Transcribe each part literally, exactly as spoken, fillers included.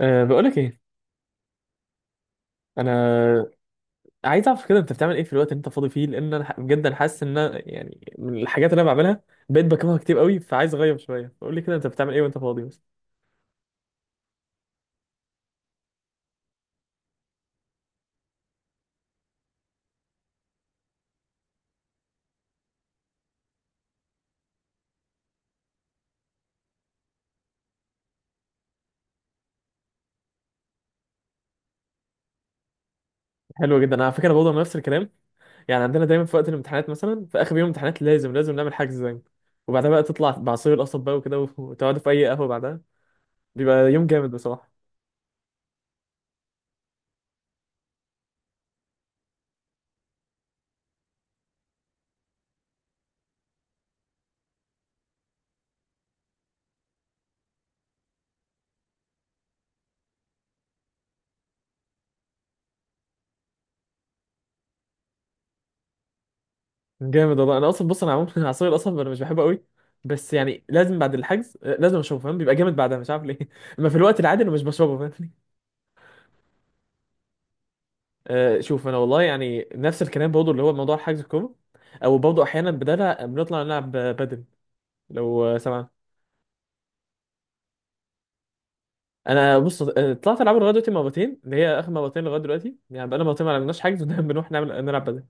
أه بقولك ايه، انا عايز اعرف كده انت بتعمل ايه في الوقت اللي انت فاضي فيه، لان انا ح- بجد انا حاسس ان أنا يعني من الحاجات اللي انا بعملها بقيت بكرهها كتير قوي، فعايز اغير شويه فقول لي كده انت بتعمل ايه وانت فاضي بس. حلو جدا، انا على فكره برضه أنا نفس الكلام. يعني عندنا دايما في وقت الامتحانات، مثلا في اخر يوم امتحانات لازم لازم نعمل حجز زي وبعدها بقى تطلع بعصير القصب بقى وكده وتقعدوا في اي قهوه بعدها. بيبقى يوم جامد بصراحه. جامد والله، انا اصلا بص انا عموما عصير القصب انا مش بحبه قوي. بس يعني لازم بعد الحجز آه، لازم اشربه فاهم، بيبقى جامد بعدها مش عارف ليه اما في الوقت العادي انا مش بشربه فاهم. آه، شوف انا والله يعني نفس الكلام برضه اللي هو موضوع حجز الكوره، او برضه احيانا بدالها بنطلع نلعب بدل. لو آه، سمعت. انا بص، آه، طلعت العب لغايه دلوقتي مرتين، اللي هي اخر مرتين لغايه دلوقتي، يعني بقالنا مرتين ما لعبناش حجز ودايما بنروح نعمل نلعب بدل.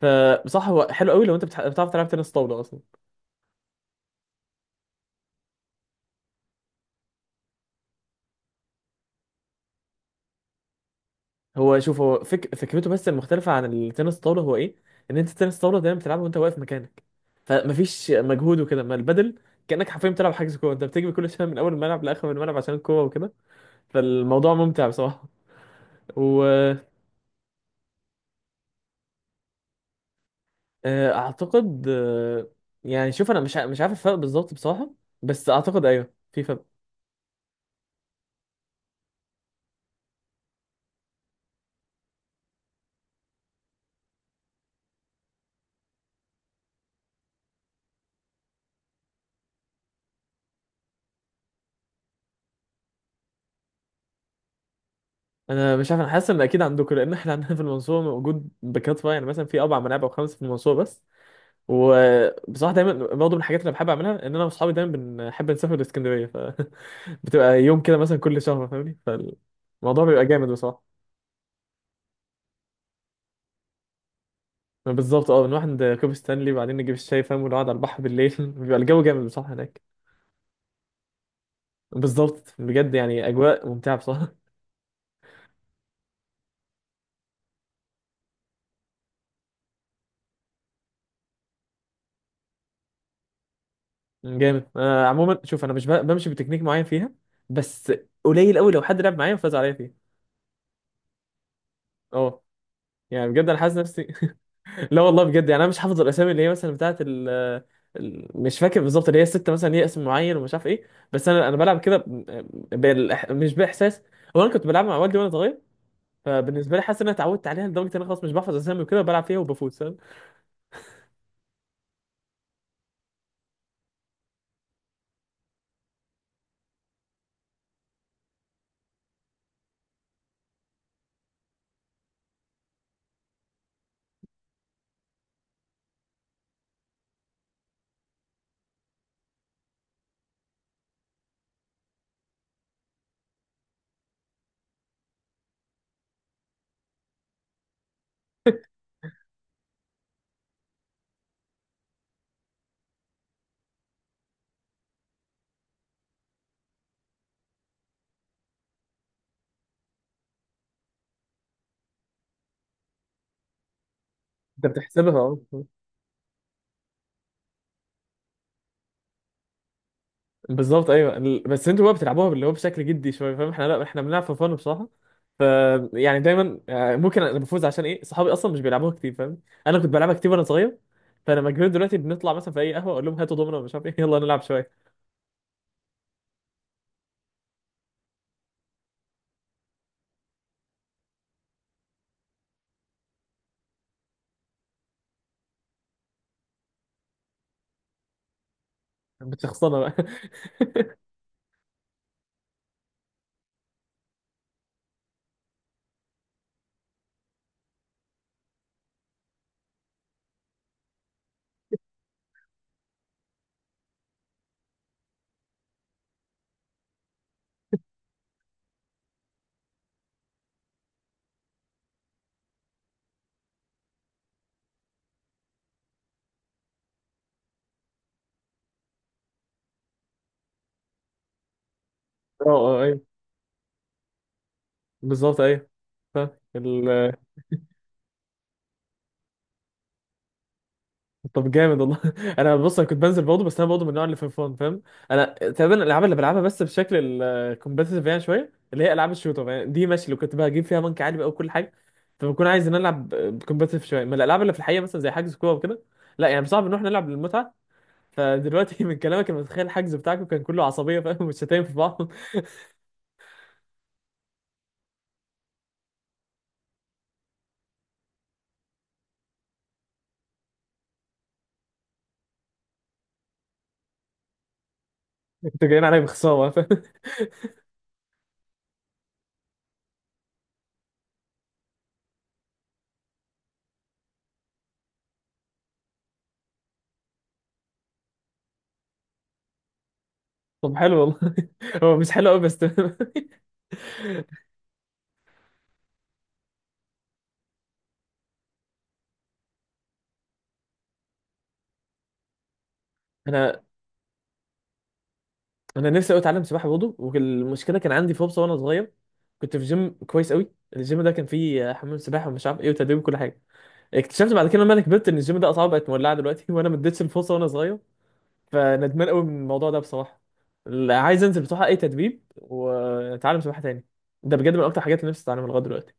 فبصح هو حلو قوي لو انت بتح- بتعرف تلعب تنس طاوله اصلا. هو شوف هو فك... فكرته بس المختلفه عن التنس الطاوله هو ايه؟ ان انت التنس الطاوله دايما بتلعبه وانت واقف مكانك، فمفيش مجهود وكده. ما البدل كانك حرفيا بتلعب حجز كوره، انت بتجري كل شويه من اول الملعب لاخر الملعب عشان الكوره وكده. فالموضوع ممتع بصراحة. وأعتقد يعني شوف أنا مش ع- مش عارف الفرق بالظبط بصراحة، بس أعتقد أيوه في فرق. أنا مش عارف، أنا حاسس إن أكيد عندكم، لأن إحنا عندنا في المنصورة موجود بكثرة، يعني مثلا في أربع ملاعب أو خمسة في المنصورة بس. وبصراحة دايما برضه من الحاجات اللي بحب أعملها إن أنا وأصحابي دايما بنحب نسافر لإسكندرية. فبتبقى يوم كده مثلا كل شهر فاهمني، فالموضوع بيبقى جامد بصراحة. بالظبط، اه بنروح عند كوبري ستانلي وبعدين نجيب الشاي فاهم ونقعد على البحر بالليل بيبقى الجو جامد بصراحة هناك. بالظبط بجد، يعني اجواء ممتعه بصراحه جامد. آه عموما شوف انا مش ب- بمشي بتكنيك معين فيها بس. قليل قوي لو حد لعب معايا وفاز عليا فيها. اه، يعني بجد انا حاسس نفسي. لا والله بجد، يعني انا مش حافظ الاسامي اللي هي مثلا بتاعه ال ال- مش فاكر بالظبط، اللي هي الستة مثلا ليها اسم معين ومش عارف ايه، بس انا انا بلعب كده ب- بالإح... مش باحساس. هو انا كنت بلعب مع والدي وانا صغير، فبالنسبه لي حاسس ان انا اتعودت عليها لدرجه ان انا خلاص مش بحفظ اسامي وكده وبلعب فيها وبفوز فاهم. انت بتحسبها، اه. بالظبط ايوه. ال- بس انتوا بقى بتلعبوها اللي هو بشكل جدي شويه فاهم، احنا لا احنا بنلعب في فن بصراحه. ف يعني دايما آه، ممكن انا بفوز عشان ايه، صحابي اصلا مش بيلعبوها كتير فاهم. انا كنت بلعبها كتير وانا صغير، فلما كبرت دلوقتي بنطلع مثلا في اي قهوه اقول لهم هاتوا دومنا ومش عارف ايه يلا نلعب شويه. بتشخصنها بقى اه اه ايوه. بالظبط ايوه. فاهم. طب جامد والله انا بص انا كنت بنزل برضه، بس انا برضه من النوع اللي في الفون فاهم. انا تقريبا الالعاب اللي بلعبها بس بشكل الكومبتيتيف يعني شويه، اللي هي العاب الشوتر يعني، دي ماشي لو كنت بجيب فيها بنك عالي بقى وكل حاجه. فبكون عايز ان أنا العب كومبتيتيف شويه من الالعاب اللي في الحقيقه مثلا زي حجز كوره وكده، لا يعني صعب نروح نلعب للمتعه. فدلوقتي من كلامك انا متخيل الحجز بتاعكم كان كله عصبيه فاهم والشتايم في بعض انتوا جايين عليا بخساره فاهم. طب حلو والله هو مش حلو قوي بس تمام. انا انا نفسي قوي اتعلم سباحه برضه، والمشكله كان عندي فرصه وانا صغير، كنت في جيم كويس قوي. الجيم ده كان فيه حمام سباحه ومش عارف ايه وتدريب وكل حاجه. اكتشفت بعد كده لما انا كبرت ان الجيم ده اسعاره بقت مولعه دلوقتي وانا ما اديتش الفرصه وانا صغير، فندمان قوي من الموضوع ده بصراحه. لا، عايز انزل بصراحه اي تدريب واتعلم سباحه تاني. ده بجد من اكتر حاجات اللي نفسي اتعلمها لغايه دلوقتي.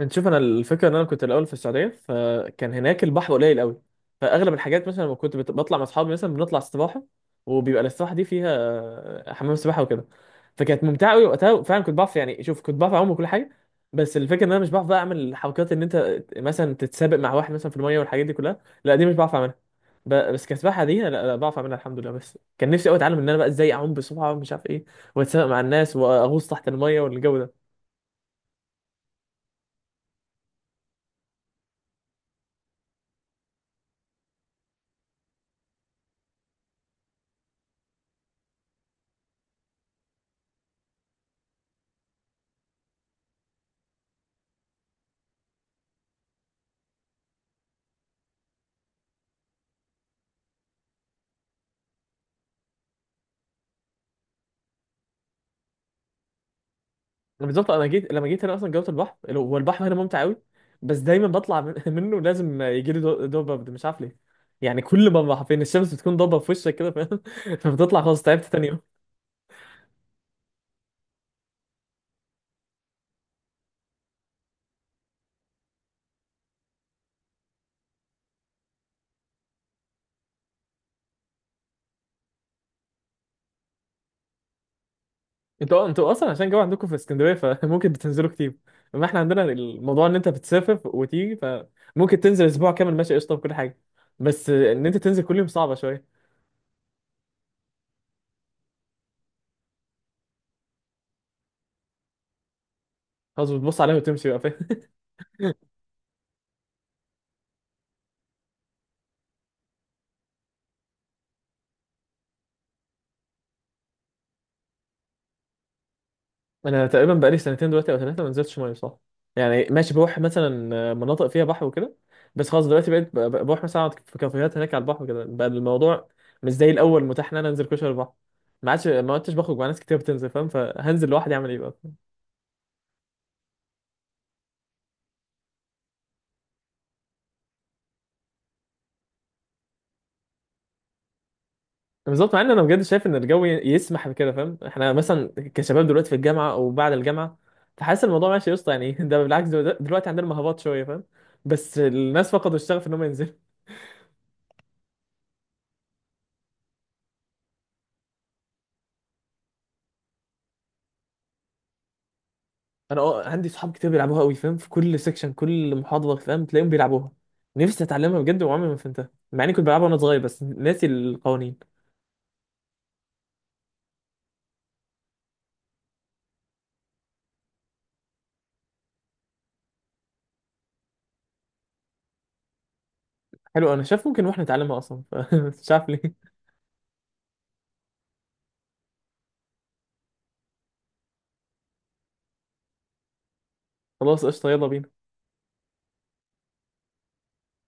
انت شوف انا الفكره ان انا كنت الاول في السعوديه، فكان هناك البحر قليل قوي. فاغلب الحاجات مثلا لما كنت بت- بطلع مع اصحابي مثلا بنطلع استباحه، وبيبقى الاستباحه دي فيها آه، حمام سباحه وكده. فكانت ممتعه قوي وقتها، فعلا كنت بعرف يعني شوف كنت بعرف اعوم وكل حاجه. بس الفكره ان انا مش بعرف بقى اعمل حركات ان انت مثلا تتسابق مع واحد مثلا في الميه والحاجات دي كلها، لا دي مش بعرف اعملها. ب- بس كسباحه دي، لا، لا بعرف اعملها الحمد لله. بس كان نفسي قوي اتعلم ان انا بقى ازاي اعوم بسرعه ومش عارف ايه، واتسابق مع الناس واغوص تحت الميه والجو ده. بالظبط انا جيت، لما جيت هنا اصلا جوه البحر، هو البحر هنا ممتع قوي، بس دايما بطلع من- منه لازم يجي لي دوبه ده مش عارف ليه. يعني كل ما بروح فين الشمس بتكون ضابه في وشك كده فاهم فبتطلع خلاص تعبت تاني يوم. انتوا انتوا اصلا عشان جو عندكم في اسكندريه فممكن بتنزلوا كتير، اما احنا عندنا الموضوع ان انت بتسافر وتيجي فممكن تنزل اسبوع كامل ماشي قشطه بكل حاجه، بس ان انت تنزل كل يوم صعبه شويه. خلاص بتبص عليها وتمشي بقى فاهم. انا تقريبا بقالي سنتين دلوقتي او ثلاثه ما نزلتش ميه صح. يعني ماشي بروح مثلا مناطق فيها بحر وكده، بس خلاص دلوقتي بقيت ب- ب- بروح مثلا اقعد في كافيهات هناك على البحر، كده بقى الموضوع مش زي الاول متاح ان انا انزل كشري البحر. ما عادش، ما عدتش بخرج مع ناس كتير بتنزل فاهم، فهنزل لوحدي اعمل ايه بقى. بالظبط، مع ان انا بجد شايف ان الجو ي- يسمح بكده فاهم، احنا مثلا كشباب دلوقتي في الجامعه او بعد الجامعه، فحاسس الموضوع ماشي يا اسطى يعني ده بالعكس دلوقتي دلوقتي عندنا مهبط شويه فاهم، بس الناس فقدوا الشغف ان هم ينزلوا. انا اه عندي صحاب كتير بيلعبوها قوي فاهم، في كل سيكشن كل محاضره فاهم تلاقيهم بيلعبوها. نفسي اتعلمها بجد وعمري ما فهمتها مع اني كنت بلعبها وانا صغير بس ناسي القوانين. حلو انا شايف ممكن واحنا نتعلمها اصلا ف- مش عارف ليه. خلاص قشطه، يلا بينا.